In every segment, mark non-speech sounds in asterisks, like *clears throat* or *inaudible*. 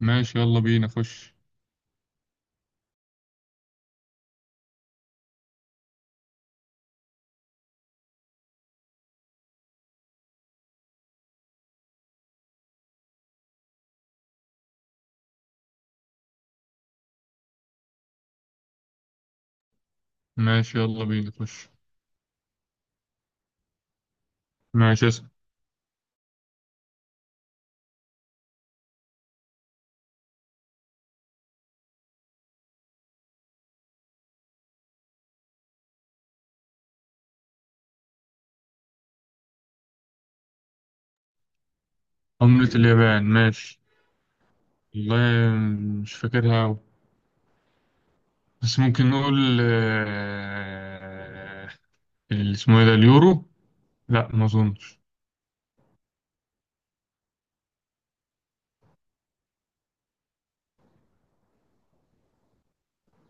ماشي، يلا بينا خش. ماشي، يلا بينا خش. ماشي، اسأل. عملة اليابان؟ ماشي. والله مش فاكرها أوي. بس ممكن نقول آه، اللي اسمه ايه ده؟ اليورو؟ لا، ما اظنش.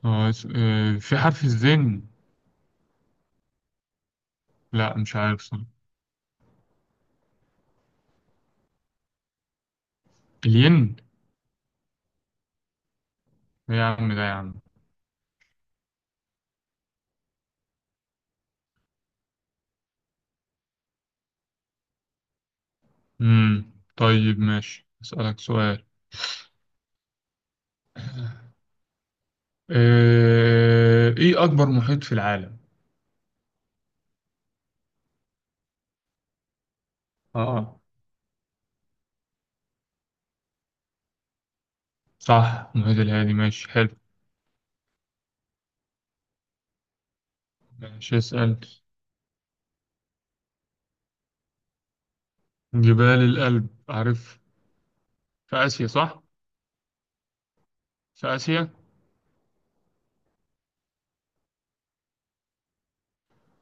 في حرف الزين. لا، مش عارف صح. الين. إيه يا عم ده يا عم. طيب، ماشي، اسألك سؤال. ايه اكبر محيط في العالم؟ اه. صح، المحيط الهادي، ماشي حلو. ماشي اسأل. جبال الألب عارف. في آسيا صح؟ في آسيا؟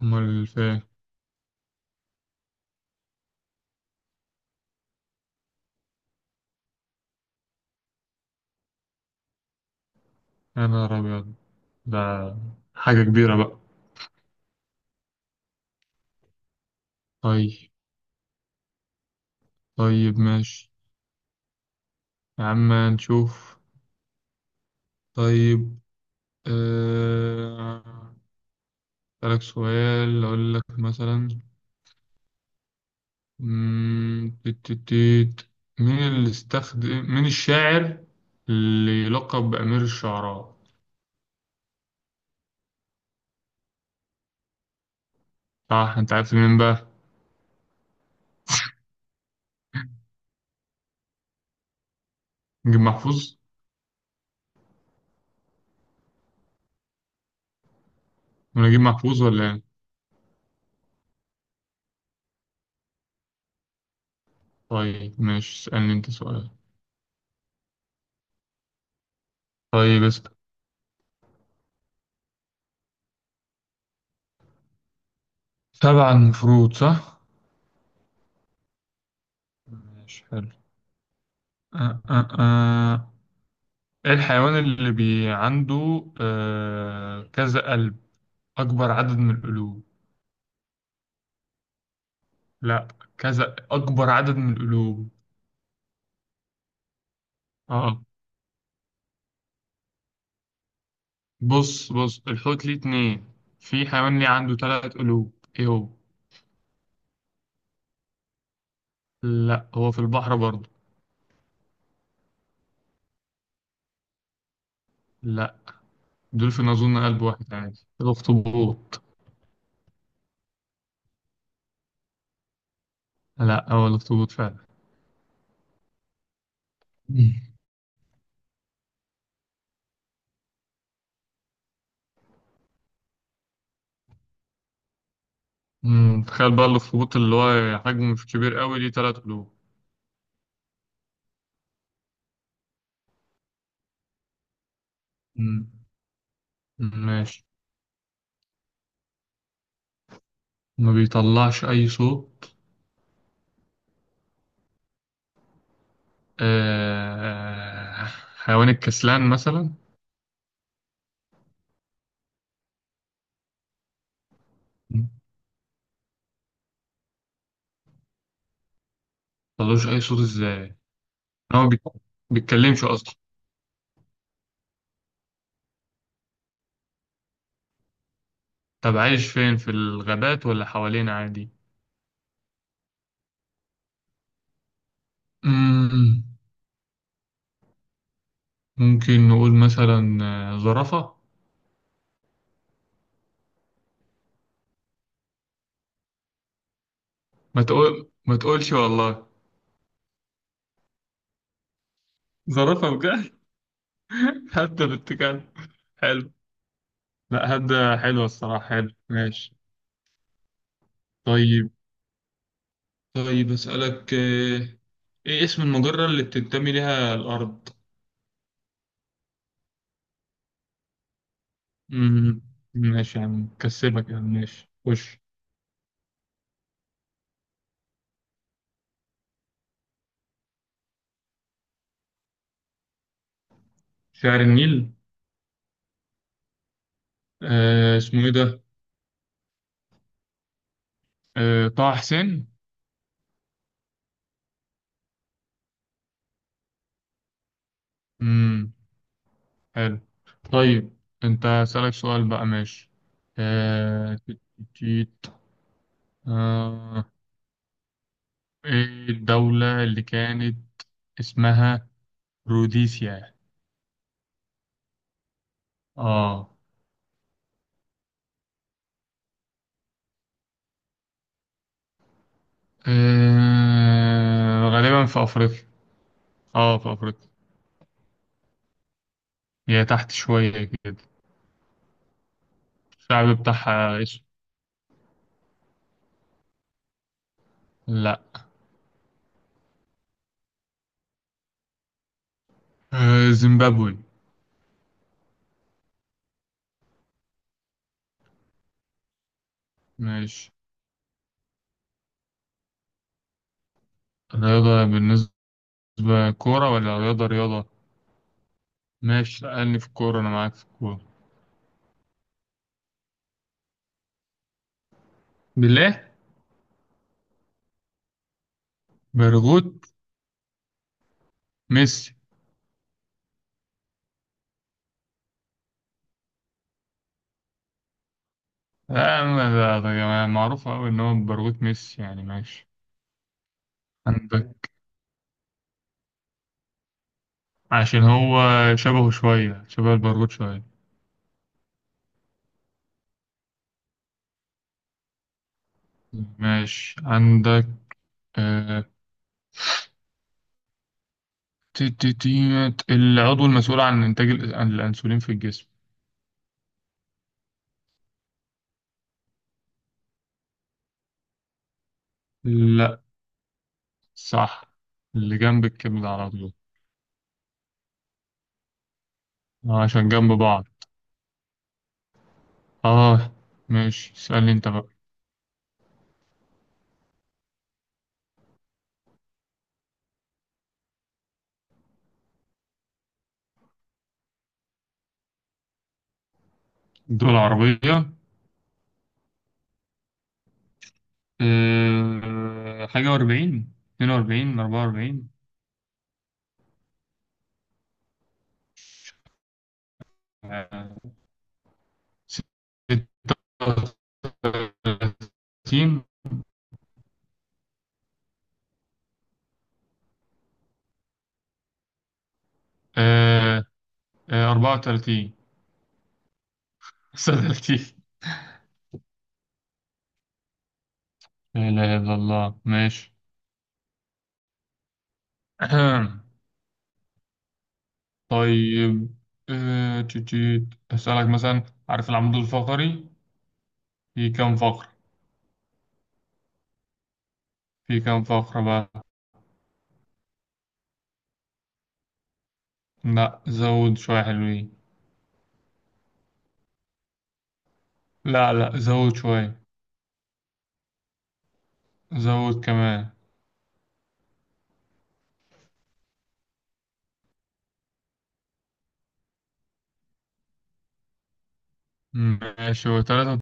أمال في إيه؟ يا نهار أبيض. ده حاجة كبيرة بقى. طيب. طيب ماشي. يا عم نشوف. طيب. أه... أسألك سؤال، أقول لك مثلا مم، تيت تيت تيت. مين اللي استخدم، مين الشاعر اللي يلقب بأمير الشعراء؟ صح، أنت عارف مين بقى؟ نجيب محفوظ؟ ولا نجيب محفوظ، ولا إيه؟ طيب ماشي، اسألني أنت سؤال. طيب، سبع، المفروض صح؟ ماشي حلو. آه آه آه. ايه الحيوان اللي عنده كذا قلب، أكبر عدد من القلوب؟ لا، كذا أكبر عدد من القلوب. اه، بص الحوت ليه اتنين، في حيوان ليه عنده تلات قلوب. ايه هو؟ لا، هو في البحر برضه. لا، دول في أظن قلب واحد عادي. الأخطبوط. لا، هو الأخطبوط فعلا. مم. تخيل بقى الاخطبوط اللي هو حجمه مش كبير قوي، ليه تلات قلوب. مم. ماشي. ما بيطلعش أي صوت. آه... حيوان الكسلان مثلا. ما بيطلعش أي صوت إزاي؟ هو ما بيت- بيتكلمش أصلا؟ طب عايش فين، في الغابات ولا حوالينا عادي؟ مم. ممكن نقول مثلا زرافة. ما تقول، ما تقولش والله. زرافة بجد. *laughs* هبدة بالتكال. حلو. لا، هبدة حلوة الصراحة، حلو ماشي. طيب. طيب أسألك، إيه اسم المجرة اللي بتنتمي لها الأرض؟ مم. ماشي يا عم، كسبك يا عم، ماشي خش. شعر النيل. آه، اسمه إيه ده؟ آه، طه حسين؟ مم. حلو. طيب. أنت أسألك سؤال بقى، ماشي. آه تيت- تيت. آه، إيه الدولة اللي كانت اسمها روديسيا؟ آه. غالبا في أفريقيا، آه في أفريقيا. هي تحت شوية كده. الشعب بتاعها اسود. لا. زيمبابوي. ماشي. رياضة، بالنسبة كورة ولا رياضة رياضة؟ ماشي، لأني في الكورة، أنا معاك في الكورة. بالله. برغوت. ميسي. لا أنا- ده يعني معروف أوي إن هو برغوت ميسي، يعني ماشي. عندك، عشان هو شبهه شوية، شبه البرغوت شوية. ماشي، عندك آه، العضو المسؤول عن إنتاج الأنسولين في الجسم. لا. صح، اللي جنب الكبد على طول. عشان جنب بعض. اه. ماشي، اسألني انت بقى. الدول العربية؟ أه، 41، 42، 44. 36. 34. 35. *laughs* لا إله إلا الله، ماشي. *clears throat* طيب. أسألك مثلا، عارف العمود الفقري في كم فقرة، في كم فقرة بقى؟ لا، زود شوية حلوين. لا لا، زود شوية. زود كمان. ماشي، هو تلاتة.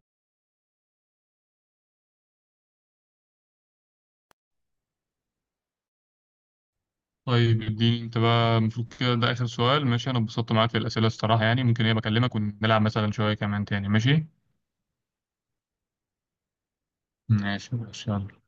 طيب، اديني انت بقى، المفروض كده ده آخر سؤال، ماشي. أنا اتبسطت معاك في الأسئلة الصراحة، يعني ممكن ايه بكلمك ونلعب مثلا شوية كمان تاني؟ ماشي ماشي، ماشي يلا.